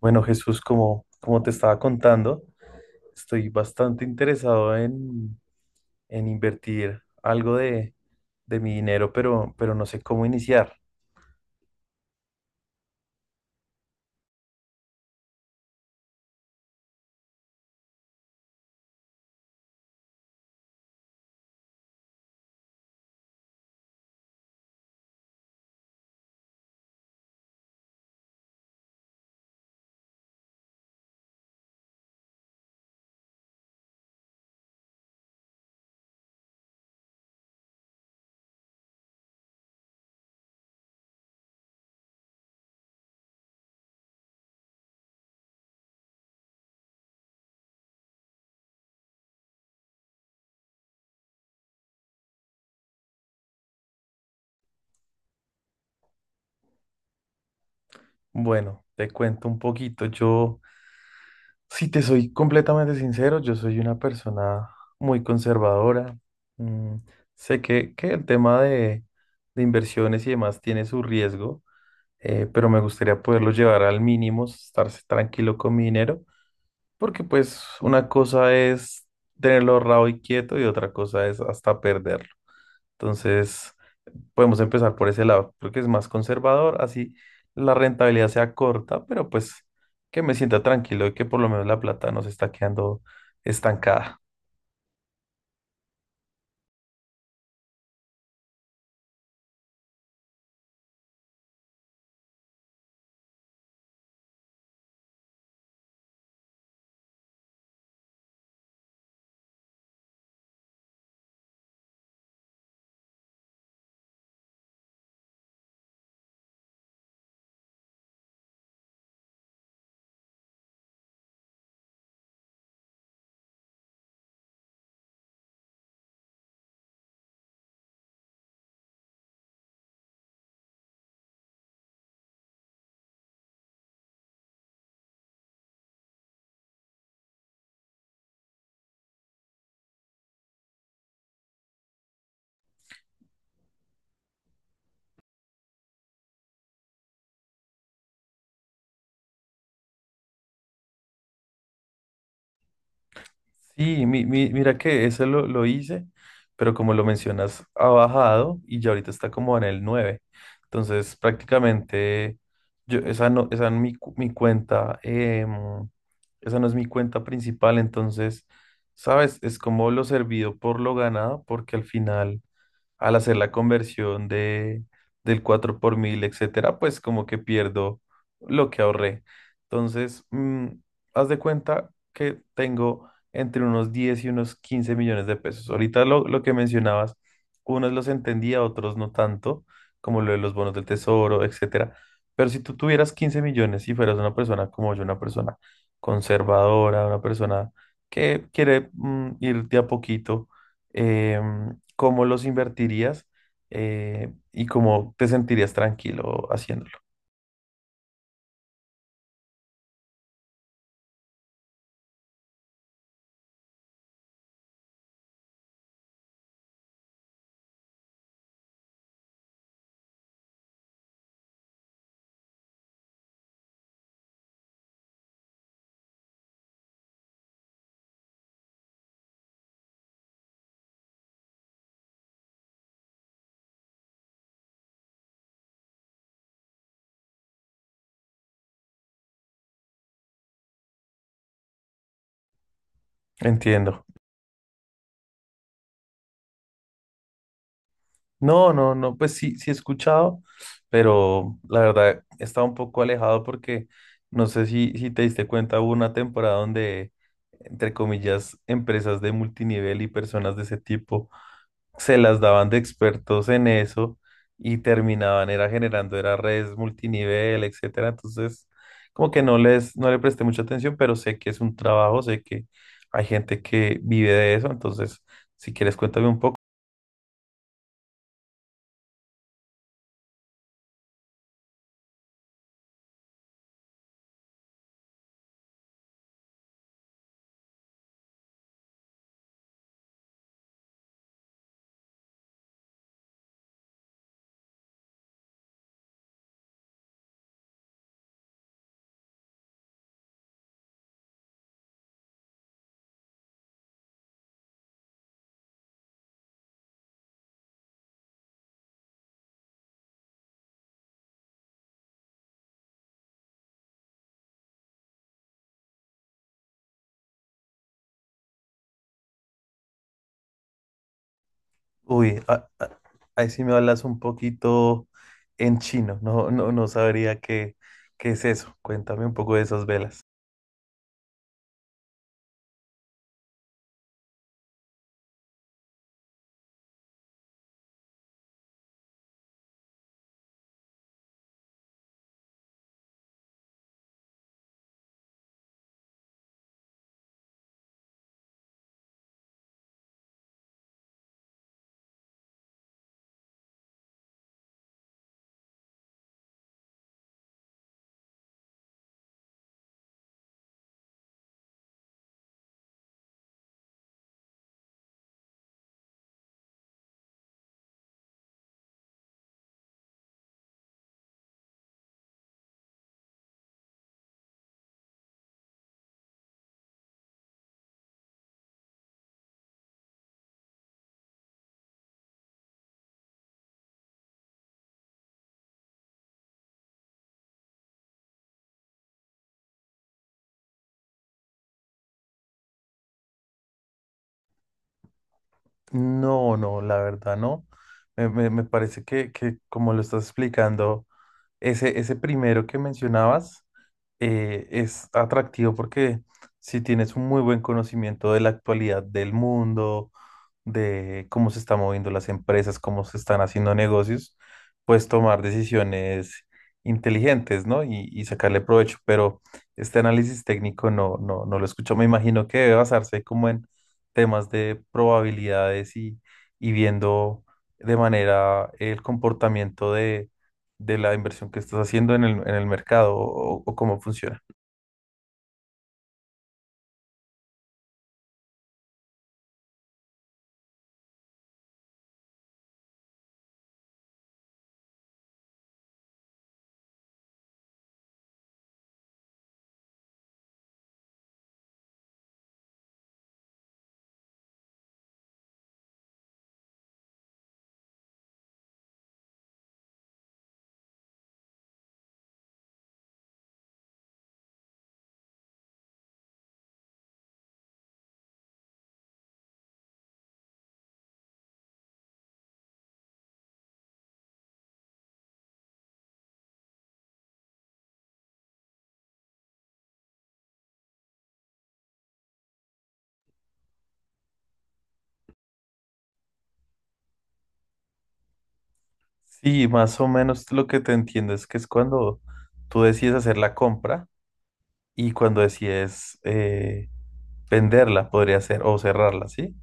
Bueno, Jesús, como te estaba contando, estoy bastante interesado en invertir algo de mi dinero, pero no sé cómo iniciar. Bueno, te cuento un poquito. Yo Si te soy completamente sincero, yo soy una persona muy conservadora. Mm, Sé que el tema de inversiones y demás tiene su riesgo, pero me gustaría poderlo llevar al mínimo, estar tranquilo con mi dinero, porque pues una cosa es tenerlo ahorrado y quieto y otra cosa es hasta perderlo. Entonces, podemos empezar por ese lado. Creo que es más conservador, así la rentabilidad sea corta, pero pues que me sienta tranquilo de que por lo menos la plata no se está quedando estancada. Sí, mira que eso lo hice, pero como lo mencionas, ha bajado y ya ahorita está como en el nueve. Entonces, prácticamente, esa no es mi cuenta, esa no es mi cuenta principal, entonces, ¿sabes? Es como lo servido por lo ganado, porque al final, al hacer la conversión del 4 por mil, etcétera, pues como que pierdo lo que ahorré. Entonces, haz de cuenta que tengo entre unos 10 y unos 15 millones de pesos. Ahorita lo que mencionabas, unos los entendía, otros no tanto, como lo de los bonos del tesoro, etcétera. Pero si tú tuvieras 15 millones y fueras una persona como yo, una persona conservadora, una persona que quiere ir de a poquito, cómo los invertirías y cómo te sentirías tranquilo haciéndolo. Entiendo. No, no, no, pues sí, sí he escuchado, pero la verdad estaba un poco alejado porque no sé si te diste cuenta, hubo una temporada donde, entre comillas, empresas de multinivel y personas de ese tipo se las daban de expertos en eso y terminaban era generando era redes multinivel, etcétera. Entonces, como que no le presté mucha atención, pero sé que es un trabajo, sé que hay gente que vive de eso, entonces si quieres cuéntame un poco. Uy, ahí sí me hablas un poquito en chino, no sabría qué es eso. Cuéntame un poco de esas velas. No, no, la verdad no. Me parece que como lo estás explicando, ese primero que mencionabas es atractivo porque si tienes un muy buen conocimiento de la actualidad del mundo, de cómo se están moviendo las empresas, cómo se están haciendo negocios, pues tomar decisiones inteligentes, ¿no? Y sacarle provecho. Pero este análisis técnico no lo escucho. Me imagino que debe basarse como en temas de probabilidades y viendo de manera el comportamiento de la inversión que estás haciendo en el mercado o cómo funciona. Sí, más o menos lo que te entiendo es que es cuando tú decides hacer la compra y cuando decides venderla, podría ser, o cerrarla, ¿sí?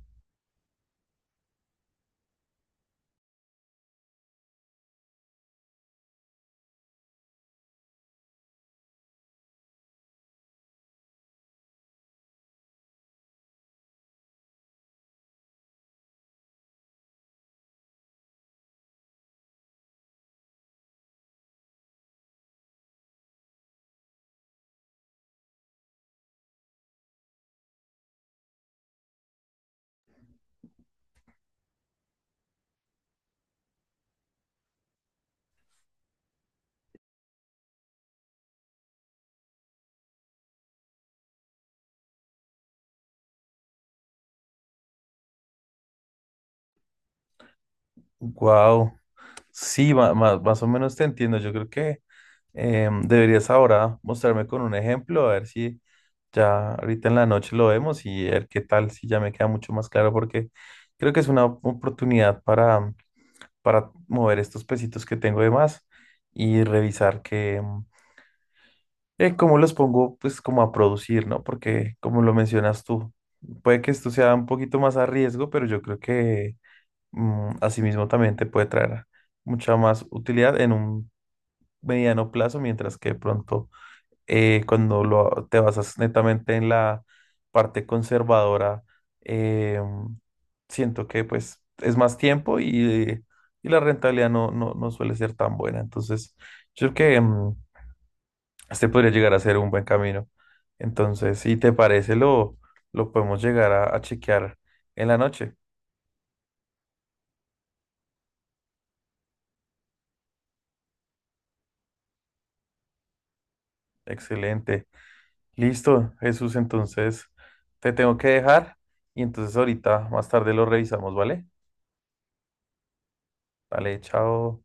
Wow, sí, más o menos te entiendo. Yo creo que deberías ahora mostrarme con un ejemplo, a ver si ya ahorita en la noche lo vemos y ver qué tal, si ya me queda mucho más claro, porque creo que es una oportunidad para mover estos pesitos que tengo de más y revisar que, cómo los pongo pues como a producir, ¿no? Porque como lo mencionas tú, puede que esto sea un poquito más a riesgo, pero yo creo que asimismo también te puede traer mucha más utilidad en un mediano plazo, mientras que de pronto cuando te basas netamente en la parte conservadora, eh, siento que pues es más tiempo y la rentabilidad no suele ser tan buena. Entonces, yo creo que este podría llegar a ser un buen camino. Entonces, si te parece, lo podemos llegar a chequear en la noche. Excelente. Listo, Jesús. Entonces, te tengo que dejar y entonces ahorita más tarde lo revisamos, ¿vale? Vale, chao.